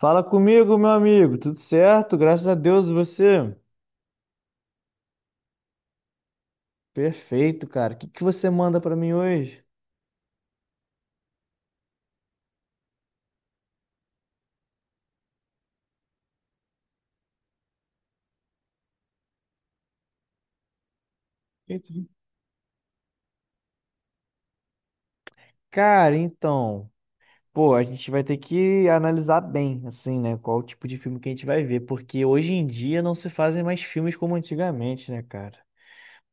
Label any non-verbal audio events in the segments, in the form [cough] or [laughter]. Fala comigo, meu amigo. Tudo certo? Graças a Deus, e você? Perfeito, cara. O que que você manda pra mim hoje? Perfeito. Cara, então, pô, a gente vai ter que analisar bem, assim, né? Qual o tipo de filme que a gente vai ver, porque hoje em dia não se fazem mais filmes como antigamente, né, cara?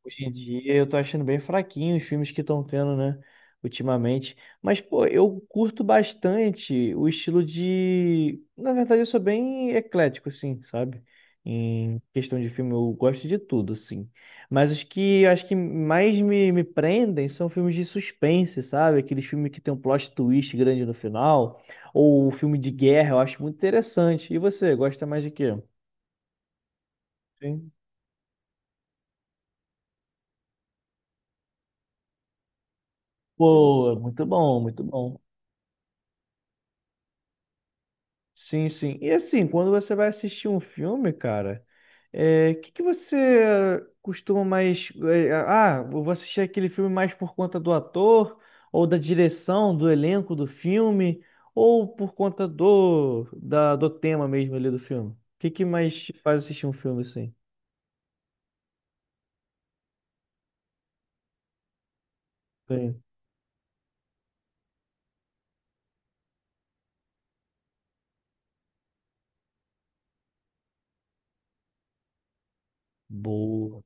Hoje em dia eu tô achando bem fraquinho os filmes que estão tendo, né? Ultimamente. Mas, pô, eu curto bastante o estilo de. Na verdade, eu sou bem eclético, assim, sabe? Em questão de filme, eu gosto de tudo, assim. Mas os que eu acho que mais me prendem são filmes de suspense, sabe? Aqueles filmes que tem um plot twist grande no final. Ou filme de guerra, eu acho muito interessante. E você, gosta mais de quê? Sim. Boa, muito bom, muito bom. Sim, sim. E assim, quando você vai assistir um filme, cara, que você costuma mais, é, ah, eu vou assistir aquele filme mais por conta do ator, ou da direção, do elenco do filme, ou por conta do tema mesmo ali do filme? O que que mais te faz assistir um filme assim? Sim. Boa.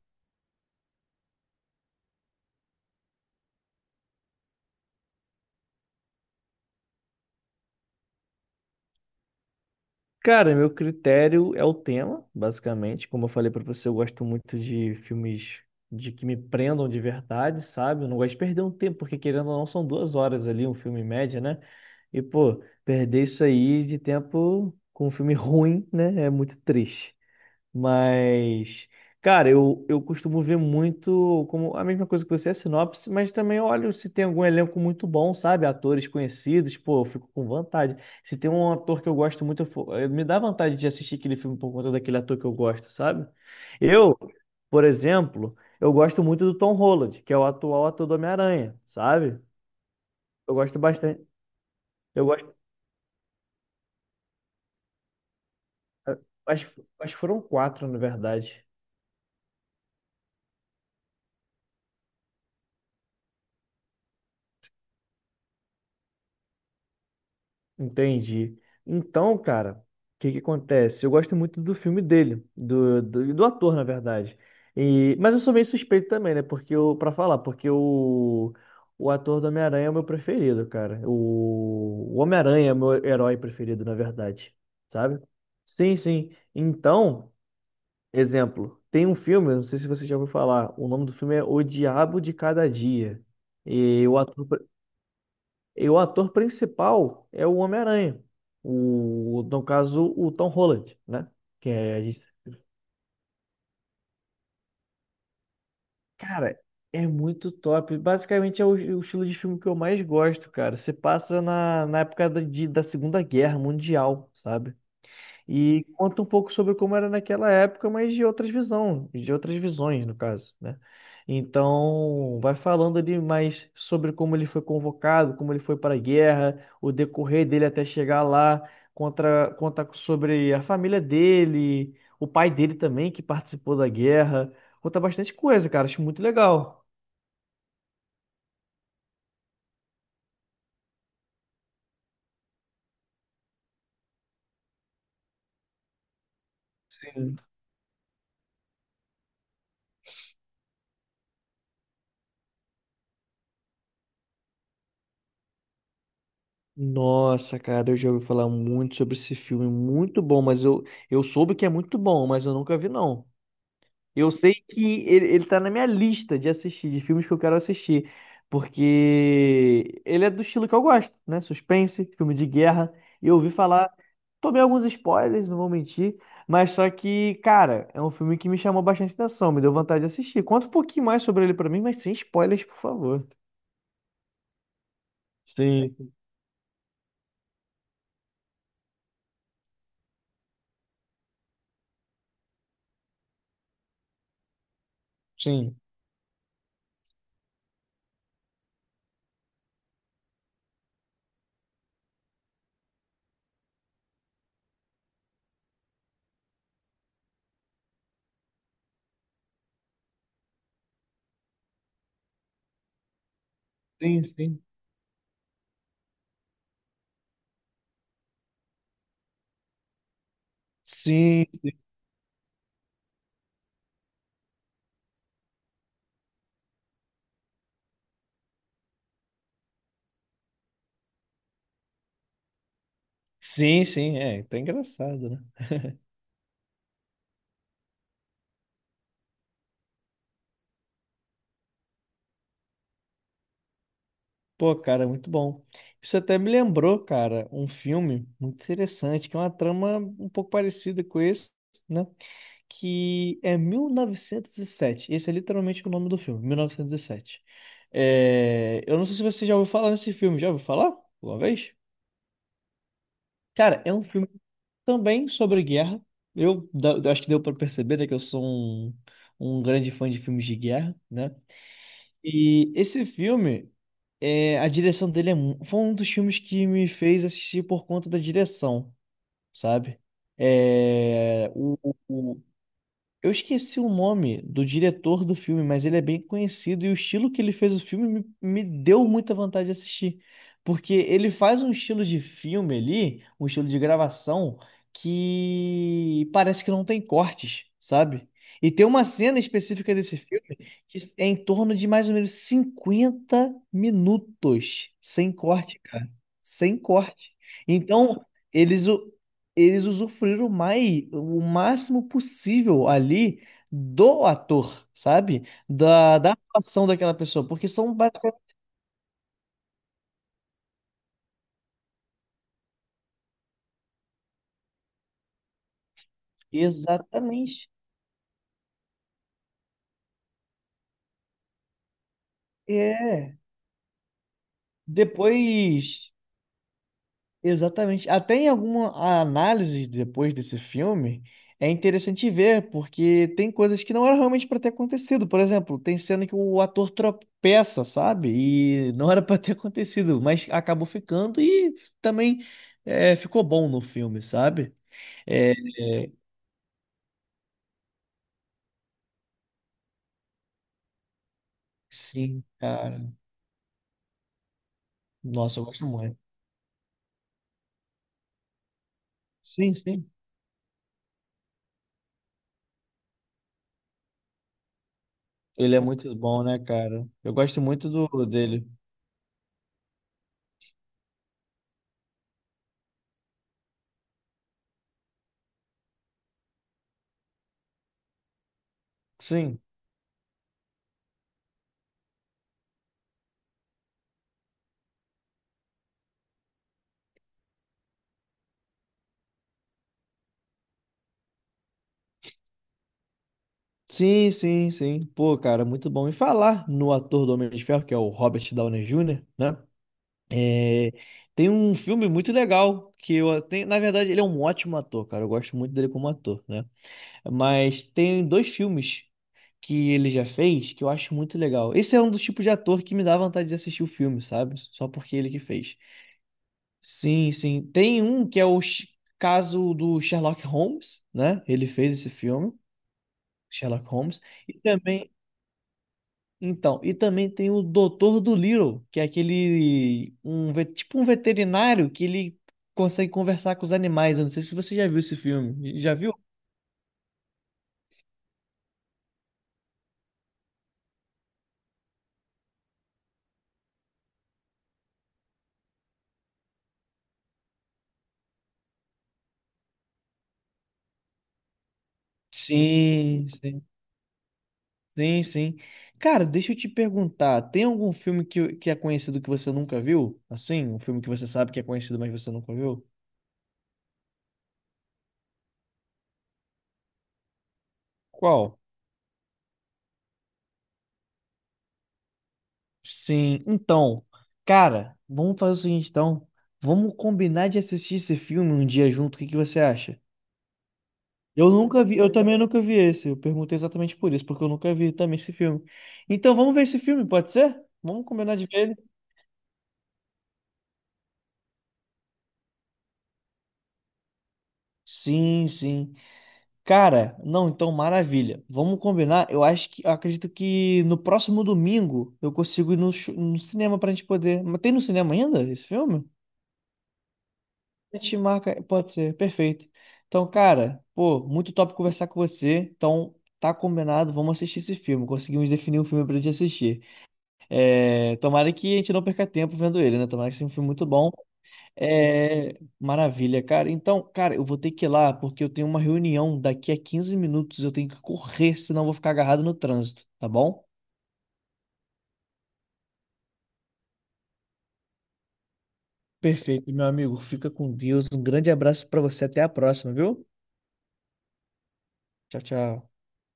Cara, meu critério é o tema, basicamente. Como eu falei pra você, eu gosto muito de filmes de que me prendam de verdade, sabe? Eu não gosto de perder um tempo, porque querendo ou não, são duas horas ali, um filme em média, né? E, pô, perder isso aí de tempo com um filme [laughs] ruim, né? É muito triste. Mas, cara, eu costumo ver muito como a mesma coisa que você, a sinopse, mas também olho se tem algum elenco muito bom, sabe? Atores conhecidos, pô, eu fico com vontade. Se tem um ator que eu gosto muito, me dá vontade de assistir aquele filme por conta daquele ator que eu gosto, sabe? Eu, por exemplo, eu gosto muito do Tom Holland, que é o atual ator do Homem-Aranha, sabe? Eu gosto bastante. Eu gosto. eh, Acho, acho que foram quatro, na verdade. Entendi. Então, cara, o que que acontece? Eu gosto muito do filme dele, do ator, na verdade. E, mas eu sou meio suspeito também, né? Porque eu, pra falar, porque o ator do Homem-Aranha é o meu preferido, cara. O Homem-Aranha é o meu herói preferido, na verdade. Sabe? Sim, sim. Então, exemplo, tem um filme, eu não sei se você já ouviu falar, o nome do filme é O Diabo de Cada Dia. E o ator. E o ator principal é o Homem-Aranha. O, no caso, o Tom Holland, né? Que é, a gente- cara, é muito top. Basicamente é o estilo de filme que eu mais gosto, cara. Se passa na, na época da Segunda Guerra Mundial, sabe? E conta um pouco sobre como era naquela época, mas de outras visão, de outras visões, no caso, né? Então, vai falando ali mais sobre como ele foi convocado, como ele foi para a guerra, o decorrer dele até chegar lá, conta sobre a família dele, o pai dele também, que participou da guerra. Conta bastante coisa, cara. Acho muito legal. Sim. Nossa, cara, eu já ouvi falar muito sobre esse filme, muito bom, mas eu soube que é muito bom, mas eu nunca vi, não. Eu sei que ele tá na minha lista de assistir, de filmes que eu quero assistir, porque ele é do estilo que eu gosto, né? Suspense, filme de guerra. E eu ouvi falar, tomei alguns spoilers, não vou mentir, mas só que, cara, é um filme que me chamou bastante atenção, me deu vontade de assistir. Conta um pouquinho mais sobre ele pra mim, mas sem spoilers, por favor. Sim, sim, sim, sim. Sim, sim, sim, é, tá engraçado, né? Pô, cara, muito bom. Isso até me lembrou, cara, um filme muito interessante, que é uma trama um pouco parecida com esse, né? Que é mil novecentos e sete. Esse é literalmente o nome do filme, mil novecentos e sete. Eu não sei se você já ouviu falar nesse filme. Já ouviu falar? Uma vez? Cara, é um filme também sobre guerra. Eu acho que deu pra perceber, né, que eu sou um, um grande fã de filmes de guerra, né? E esse filme, a direção dele é, mu- foi um dos filmes que me fez assistir por conta da direção, sabe? É, o, o- eu esqueci o nome do diretor do filme, mas ele é bem conhecido e o estilo que ele fez o filme me deu muita vontade de assistir. Porque ele faz um estilo de filme ali, um estilo de gravação, que parece que não tem cortes, sabe? E tem uma cena específica desse filme que é em torno de mais ou menos 50 minutos, sem corte, cara. Sem corte. Então, eles, eles usufruíram mais, o máximo possível ali do ator, sabe? Da atuação daquela pessoa, porque são basicamente... Exatamente. É. Depois, Exatamente. Até em alguma análise depois desse filme, é interessante ver, porque tem coisas que não eram realmente para ter acontecido. Por exemplo, tem cena que o ator tropeça, sabe? E não era para ter [laughs] acontecido, mas acabou ficando e também ficou bom no filme, sabe? É, é, sim, cara. Nossa, eu gosto muito. Sim, sim. Ele é muito bom, né, cara? Eu gosto muito do dele. Sim. Sim, sim, sim. Pô, cara, muito bom. E falar no ator do Homem de Ferro, que é o Robert Downey Jr., né? É, tem um filme muito legal que eu tenho. Na verdade, ele é um ótimo ator, cara. Eu gosto muito dele como ator, né? Mas tem dois filmes que ele já fez que eu acho muito legal. Esse é um dos tipos de ator que me dá vontade de assistir o filme, sabe? Só porque ele que fez. Sim, sim. Tem um que é o Sh- caso do Sherlock Holmes, né? Ele fez esse filme, Sherlock Holmes. E também Então, e também tem o Doutor do Little, que é aquele um ve- tipo um veterinário que ele consegue conversar com os animais. Eu não sei se você já viu esse filme. Já viu? Sim, sim, sim, sim. Cara, deixa eu te perguntar, tem algum filme que é conhecido que você nunca viu? Assim, um filme que você sabe que é conhecido, mas você nunca viu? Qual? Sim, então, cara, vamos fazer o seguinte, então. Vamos combinar de assistir esse filme um dia junto. O que que você acha? Eu nunca vi, eu também nunca vi esse. Eu perguntei exatamente por isso, porque eu nunca vi também esse filme. Então vamos ver esse filme, pode ser? Vamos combinar de ver ele? Sim, sim. Cara, não, então maravilha. Vamos combinar. Eu acho que, eu acredito que no próximo domingo eu consigo ir no, chu- no cinema pra gente poder. Mas tem no cinema ainda esse filme? A gente marca, pode ser, perfeito. Então, cara, pô, muito top conversar com você. Então, tá combinado, vamos assistir esse filme. Conseguimos definir um filme pra gente assistir. É, tomara que a gente não perca tempo vendo ele, né? Tomara que seja um filme muito bom. É, maravilha, cara. Então, cara, eu vou ter que ir lá porque eu tenho uma reunião daqui a 15 minutos. Eu tenho que correr, senão eu vou ficar agarrado no trânsito, tá bom? Perfeito, meu amigo. Fica com Deus. Um grande abraço pra você. Até a próxima, viu? Tchau, tchau.